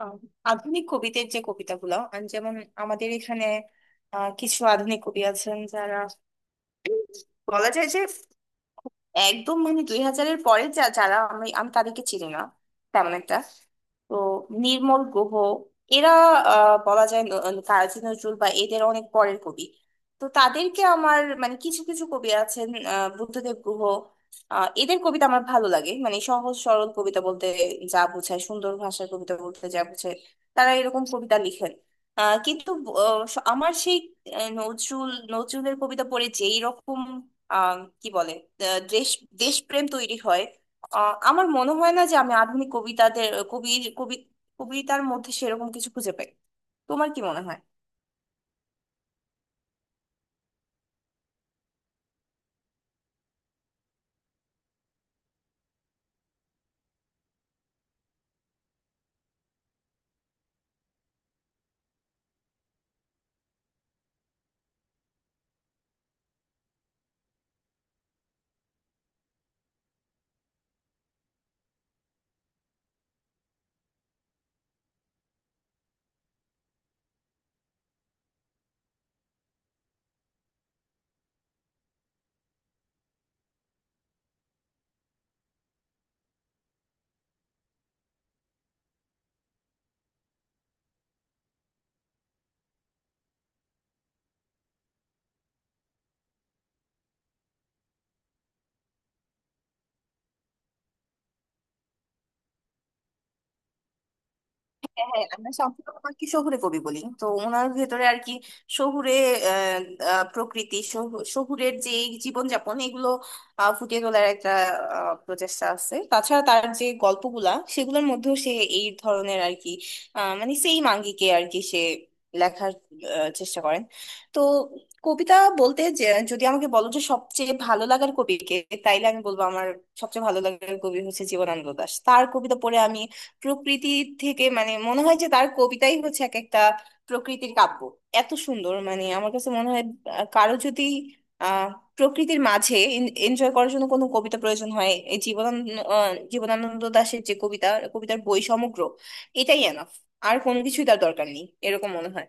আহ, আধুনিক কবিদের যে কবিতাগুলো যেমন আমাদের এখানে কিছু আধুনিক কবি আছেন যারা বলা যায় যে একদম মানে 2000-এর পরে যারা আমি আমি তাদেরকে চিনি না তেমন একটা। তো নির্মল গুহ, এরা বলা যায় কাজী নজরুল বা এদের অনেক পরের কবি। তো তাদেরকে আমার মানে কিছু কিছু কবি আছেন, বুদ্ধদেব গুহ, এদের কবিতা আমার ভালো লাগে। মানে সহজ সরল কবিতা বলতে যা বোঝায়, সুন্দর ভাষার কবিতা বলতে যা বোঝায়, তারা এরকম কবিতা লিখেন। কিন্তু আমার সেই নজরুলের কবিতা পড়ে যেই রকম আহ, কি বলে দেশ দেশপ্রেম তৈরি হয়। আমার মনে হয় না যে আমি আধুনিক কবিতাদের কবির কবি কবিতার মধ্যে সেরকম কিছু খুঁজে পাই। তোমার কি মনে হয়? হ্যাঁ, আমরা সম্পূর্ণ ওনাকে শহুরে কবি বলি তো ওনার ভেতরে আর কি শহুরে আহ, প্রকৃতি শহুরের যে জীবনযাপন এগুলো ফুটিয়ে তোলার একটা প্রচেষ্টা আছে। তাছাড়া তার যে গল্পগুলা সেগুলোর মধ্যেও সে এই ধরনের আর কি মানে সেইম আঙ্গিকে আর কি সে লেখার চেষ্টা করেন। তো কবিতা বলতে যে, যদি আমাকে বলো যে সবচেয়ে ভালো লাগার কবিকে, তাইলে আমি বলবো আমার সবচেয়ে ভালো লাগার কবি হচ্ছে জীবনানন্দ দাশ। তার কবিতা পড়ে আমি প্রকৃতি থেকে মানে মনে হয় যে তার কবিতাই হচ্ছে এক একটা প্রকৃতির কাব্য। এত সুন্দর, মানে আমার কাছে মনে হয় কারো যদি আহ প্রকৃতির মাঝে এনজয় করার জন্য কোনো কবিতা প্রয়োজন হয়, এই জীবনানন্দ জীবনানন্দ দাশের যে কবিতা, কবিতার বই সমগ্র, এটাই এনাফ। আর কোনো কিছুই তার দরকার নেই, এরকম মনে হয়।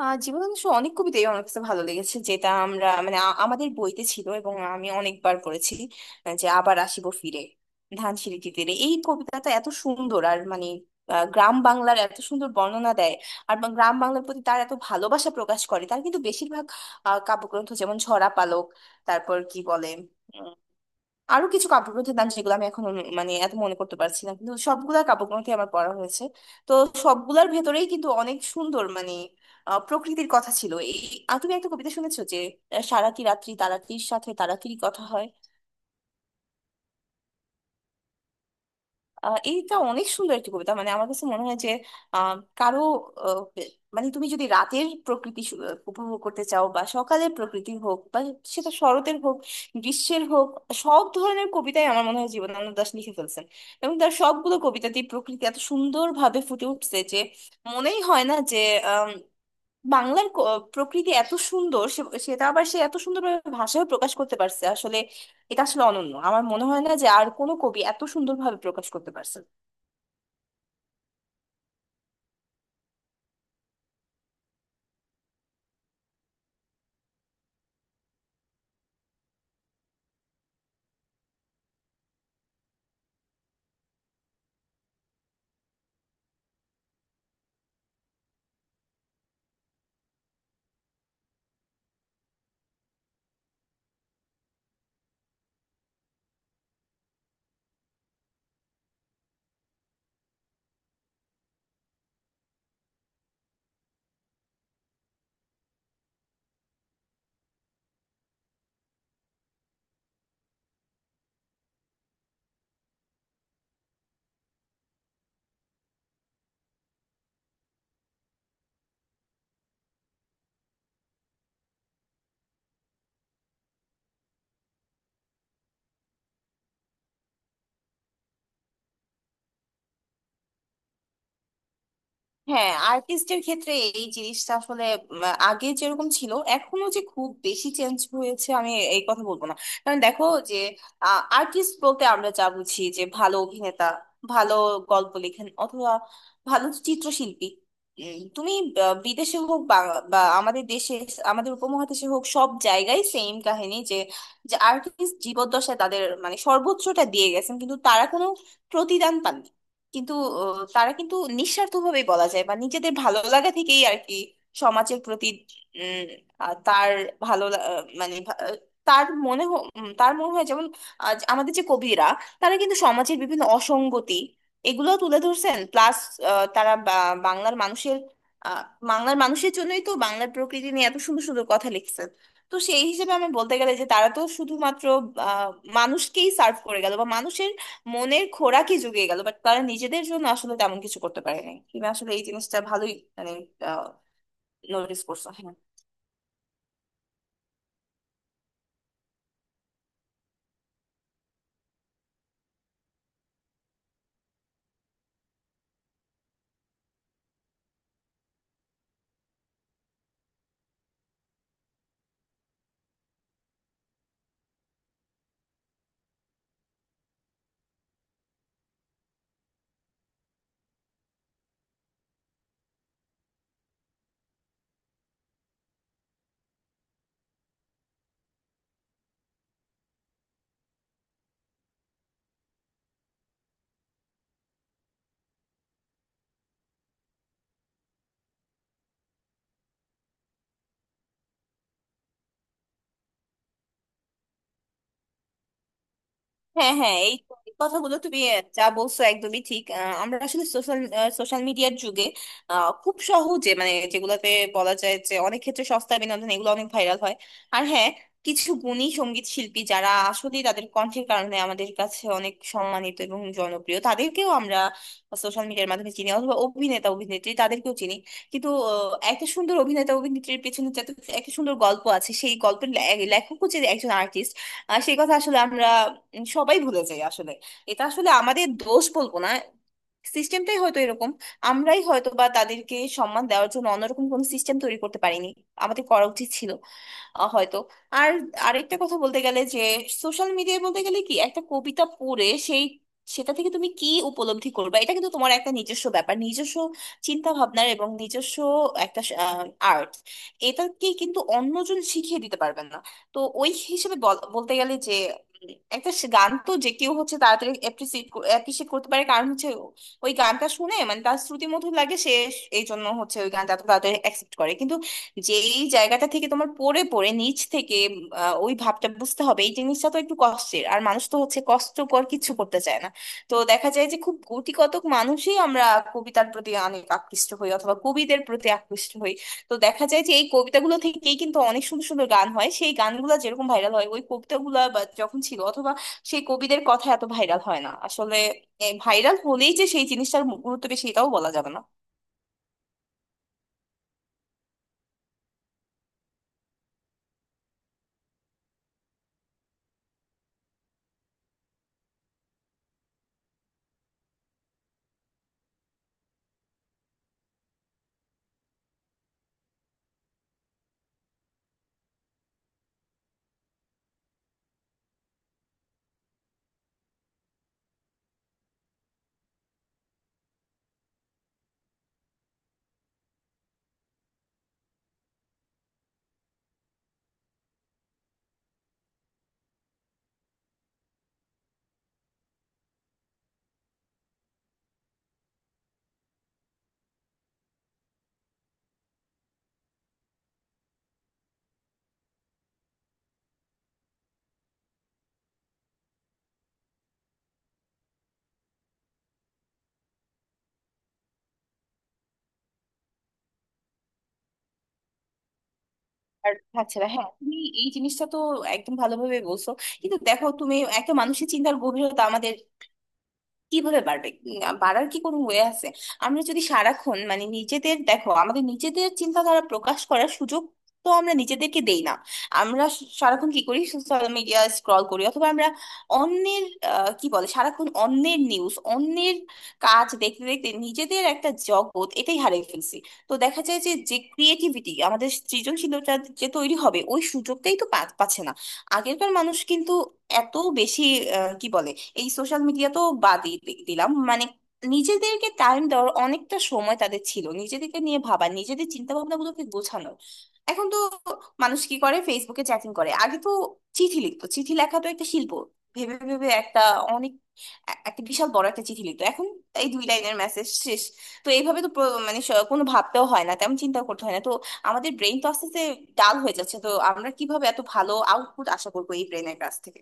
জীবনানন্দ সাহার অনেক কবিতাই আমার কাছে ভালো লেগেছে যেটা আমরা মানে আমাদের বইতে ছিল এবং আমি অনেকবার পড়েছি। যে আবার আসিব ফিরে ধানসিঁড়িটি তীরে, এই কবিতাটা এত সুন্দর। আর মানে গ্রাম বাংলার এত সুন্দর বর্ণনা দেয়। আর গ্রাম বাংলার প্রতি তার এত ভালোবাসা প্রকাশ করে। তার কিন্তু বেশিরভাগ কাব্যগ্রন্থ, যেমন ঝরা পালক, তারপর কি বলে আরো কিছু কাব্যগ্রন্থের নাম যেগুলো আমি এখন মানে এত মনে করতে পারছি না, কিন্তু সবগুলা কাব্যগ্রন্থই আমার পড়া হয়েছে। তো সবগুলার ভেতরেই কিন্তু অনেক সুন্দর মানে প্রকৃতির কথা ছিল। এই, আর তুমি একটা কবিতা শুনেছো যে সারাটি রাত্রি তারাটির সাথে তারাটির কথা হয়? এইটা অনেক সুন্দর একটি কবিতা। মানে আমার কাছে মনে হয় যে কারো আহ, বে- মানে তুমি যদি রাতের প্রকৃতি উপভোগ করতে চাও, বা সকালের প্রকৃতি হোক, বা সেটা শরতের হোক, গ্রীষ্মের হোক, সব ধরনের কবিতাই আমার মনে হয় জীবনানন্দ দাশ লিখে ফেলছেন। এবং তার সবগুলো কবিতাতেই প্রকৃতি এত সুন্দরভাবে ফুটে উঠছে যে মনেই হয় না যে বাংলার প্রকৃতি এত সুন্দর। সে সেটা আবার সে এত সুন্দরভাবে ভাষায় প্রকাশ করতে পারছে আসলে। এটা আসলে অনন্য। আমার মনে হয় না যে আর কোনো কবি এত সুন্দরভাবে প্রকাশ করতে পারছে। হ্যাঁ, আর্টিস্টের ক্ষেত্রে এই জিনিসটা আসলে উম, আগে যেরকম ছিল, এখনো যে খুব বেশি চেঞ্জ হয়েছে আমি এই কথা বলবো না। কারণ দেখো, যে আর্টিস্ট বলতে আমরা যা বুঝি, যে ভালো অভিনেতা, ভালো গল্প লেখেন, অথবা ভালো চিত্রশিল্পী, তুমি বিদেশে হোক বা বা আমাদের দেশে, আমাদের উপমহাদেশে হোক, সব জায়গায় সেম কাহিনী যে, যে আর্টিস্ট জীবদ্দশায় তাদের মানে সর্বোচ্চটা দিয়ে গেছেন, কিন্তু তারা কোনো প্রতিদান পাননি। কিন্তু তারা কিন্তু নিঃস্বার্থভাবেই বলা যায়, বা নিজেদের ভালো লাগা থেকেই আর কি সমাজের প্রতি উম, তার মানে তার তার মনে হয় যেমন আজ আমাদের যে কবিরা, তারা কিন্তু সমাজের বিভিন্ন অসঙ্গতি এগুলো তুলে ধরছেন। প্লাস তারা বাংলার মানুষের আহ, বাংলার মানুষের জন্যই তো বাংলার প্রকৃতি নিয়ে এত সুন্দর সুন্দর কথা লিখছেন। তো সেই হিসেবে আমি বলতে গেলে যে তারা তো শুধুমাত্র আহ, মানুষকেই সার্ভ করে গেল, বা মানুষের মনের খোরাকই জুগিয়ে গেল। বাট তারা নিজেদের জন্য আসলে তেমন কিছু করতে পারেনি। তুমি আসলে এই জিনিসটা ভালোই মানে নোটিস করছো? হ্যাঁ, হ্যাঁ, হ্যাঁ, এই তো, এই কথাগুলো তুমি যা বলছো একদমই ঠিক। আমরা আসলে সোশ্যাল সোশ্যাল মিডিয়ার যুগে খুব সহজে, মানে যেগুলোতে বলা যায় যে অনেক ক্ষেত্রে সস্তা বিনোদন, এগুলো অনেক ভাইরাল হয়। আর হ্যাঁ, কিছু গুণী সঙ্গীত শিল্পী যারা আসলে তাদের কণ্ঠের কারণে আমাদের কাছে অনেক সম্মানিত এবং জনপ্রিয়, তাদেরকেও আমরা সোশ্যাল মিডিয়ার মাধ্যমে চিনি, অথবা অভিনেতা অভিনেত্রী তাদেরকেও চিনি। কিন্তু একটা সুন্দর অভিনেতা অভিনেত্রীর পেছনে যাতে একটা সুন্দর গল্প আছে, সেই গল্পের লেখকও যে একজন আর্টিস্ট, সেই কথা আসলে আমরা সবাই ভুলে যায় আসলে। এটা আসলে আমাদের দোষ বলবো না, সিস্টেমটাই হয়তো এরকম। আমরাই হয়তো বা তাদেরকে সম্মান দেওয়ার জন্য অন্যরকম কোন সিস্টেম তৈরি করতে পারিনি, আমাদের করা উচিত ছিল হয়তো। আর আরেকটা কথা বলতে গেলে যে সোশ্যাল মিডিয়ায় বলতে গেলে কি, একটা কবিতা পড়ে সেই, সেটা থেকে তুমি কি উপলব্ধি করবে, এটা কিন্তু তোমার একটা নিজস্ব ব্যাপার, নিজস্ব চিন্তা ভাবনার, এবং নিজস্ব একটা আর্ট। এটাকে কিন্তু অন্যজন শিখিয়ে দিতে পারবেন না। তো ওই হিসেবে বলতে গেলে যে একটা সে গান তো যে কেউ হচ্ছে তাড়াতাড়ি অ্যাপ্রিসিয়েট অ্যাপ্রিসিয়েট করতে পারে, কারণ হচ্ছে ওই গানটা শুনে মানে তার শ্রুতি মধুর লাগে। সে এই জন্য হচ্ছে ওই গানটা এত তাড়াতাড়ি অ্যাকসেপ্ট করে, কিন্তু যেই জায়গাটা থেকে তোমার পড়ে পড়ে নিচ থেকে ওই ভাবটা বুঝতে হবে, এই জিনিসটা তো একটু কষ্টের। আর মানুষ তো হচ্ছে কষ্টকর কিছু করতে চায় না। তো দেখা যায় যে খুব গুটিকতক মানুষই আমরা কবিতার প্রতি অনেক আকৃষ্ট হই, অথবা কবিদের প্রতি আকৃষ্ট হই। তো দেখা যায় যে এই কবিতাগুলো থেকেই কিন্তু অনেক সুন্দর সুন্দর গান হয়, সেই গানগুলো যেরকম ভাইরাল হয়, ওই কবিতাগুলো বা যখন ছিল অথবা সেই কবিদের কথা এত ভাইরাল হয় না আসলে। ভাইরাল হলেই যে সেই জিনিসটার গুরুত্ব বেশি, এটাও বলা যাবে না। আর থাকছে না, হ্যাঁ। তুমি এই জিনিসটা তো একদম ভালোভাবে বলছো। কিন্তু দেখো, তুমি একটা মানুষের চিন্তার গভীরতা কিভাবে বাড়বে, বাড়ার কি কোনো ওয়ে আছে? আমরা যদি সারাক্ষণ মানে নিজেদের, দেখো আমাদের নিজেদের চিন্তাধারা প্রকাশ করার সুযোগ তো আমরা নিজেদেরকে দেই না। আমরা সারাক্ষণ কি করি, সোশ্যাল মিডিয়া স্ক্রল করি, অথবা আমরা অন্যের কি বলে, সারাক্ষণ অন্যের নিউজ, অন্যের কাজ দেখতে দেখতে নিজেদের একটা জগৎ এটাই হারিয়ে ফেলছি। তো দেখা যায় যে যে ক্রিয়েটিভিটি, আমাদের সৃজনশীলতা যে তৈরি হবে, ওই সুযোগটাই তো পাচ্ছে না। আগেরকার মানুষ কিন্তু এত বেশি কি বলে, এই সোশ্যাল মিডিয়া তো বাদই দিলাম, মানে নিজেদেরকে টাইম দেওয়ার অনেকটা সময় তাদের ছিল, নিজেদেরকে নিয়ে ভাবা, নিজেদের চিন্তা ভাবনা গুলোকে গোছানোর। এখন তো মানুষ কি করে, ফেসবুকে চ্যাটিং করে। আগে তো চিঠি লিখতো, চিঠি লেখা তো একটা শিল্প, ভেবে ভেবে একটা অনেক একটা বিশাল বড় একটা চিঠি লিখতো। এখন এই দুই লাইনের মেসেজ শেষ। তো এইভাবে তো মানে কোনো ভাবতেও হয় না, তেমন চিন্তা করতে হয় না। তো আমাদের ব্রেন তো আস্তে আস্তে ডাল হয়ে যাচ্ছে। তো আমরা কিভাবে এত ভালো আউটপুট আশা করবো এই ব্রেনের কাছ থেকে?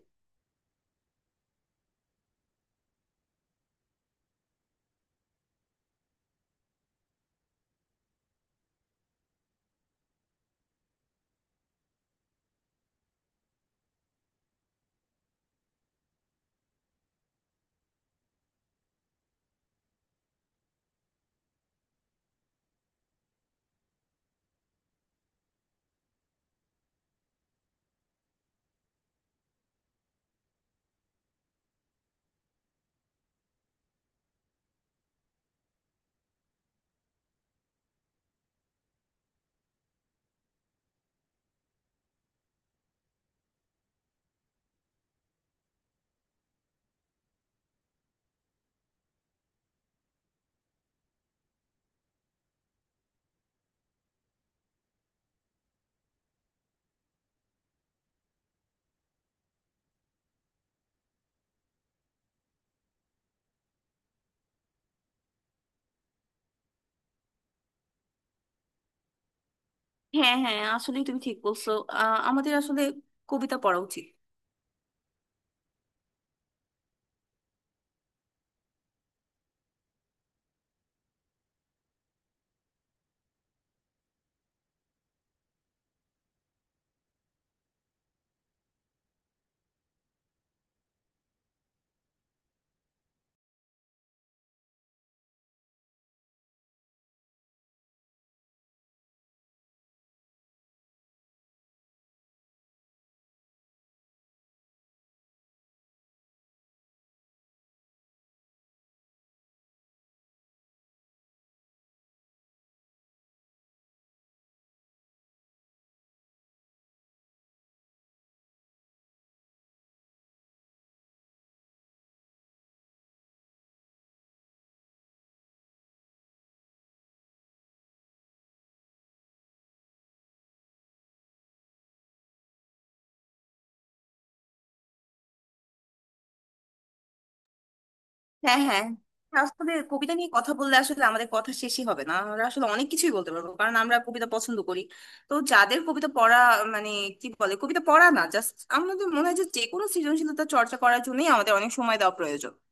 হ্যাঁ, হ্যাঁ, আসলে তুমি ঠিক বলছো, আমাদের আসলে কবিতা পড়া উচিত। হ্যাঁ, হ্যাঁ, আসলে কবিতা নিয়ে কথা বললে আসলে আমাদের কথা শেষই হবে না। আমরা আসলে অনেক কিছুই বলতে পারবো, কারণ আমরা কবিতা পছন্দ করি। তো যাদের কবিতা পড়া মানে কি বলে, কবিতা পড়া না, জাস্ট আমাদের মনে হয় যে যে কোনো সৃজনশীলতা চর্চা করার জন্যই আমাদের অনেক সময় দেওয়া প্রয়োজন।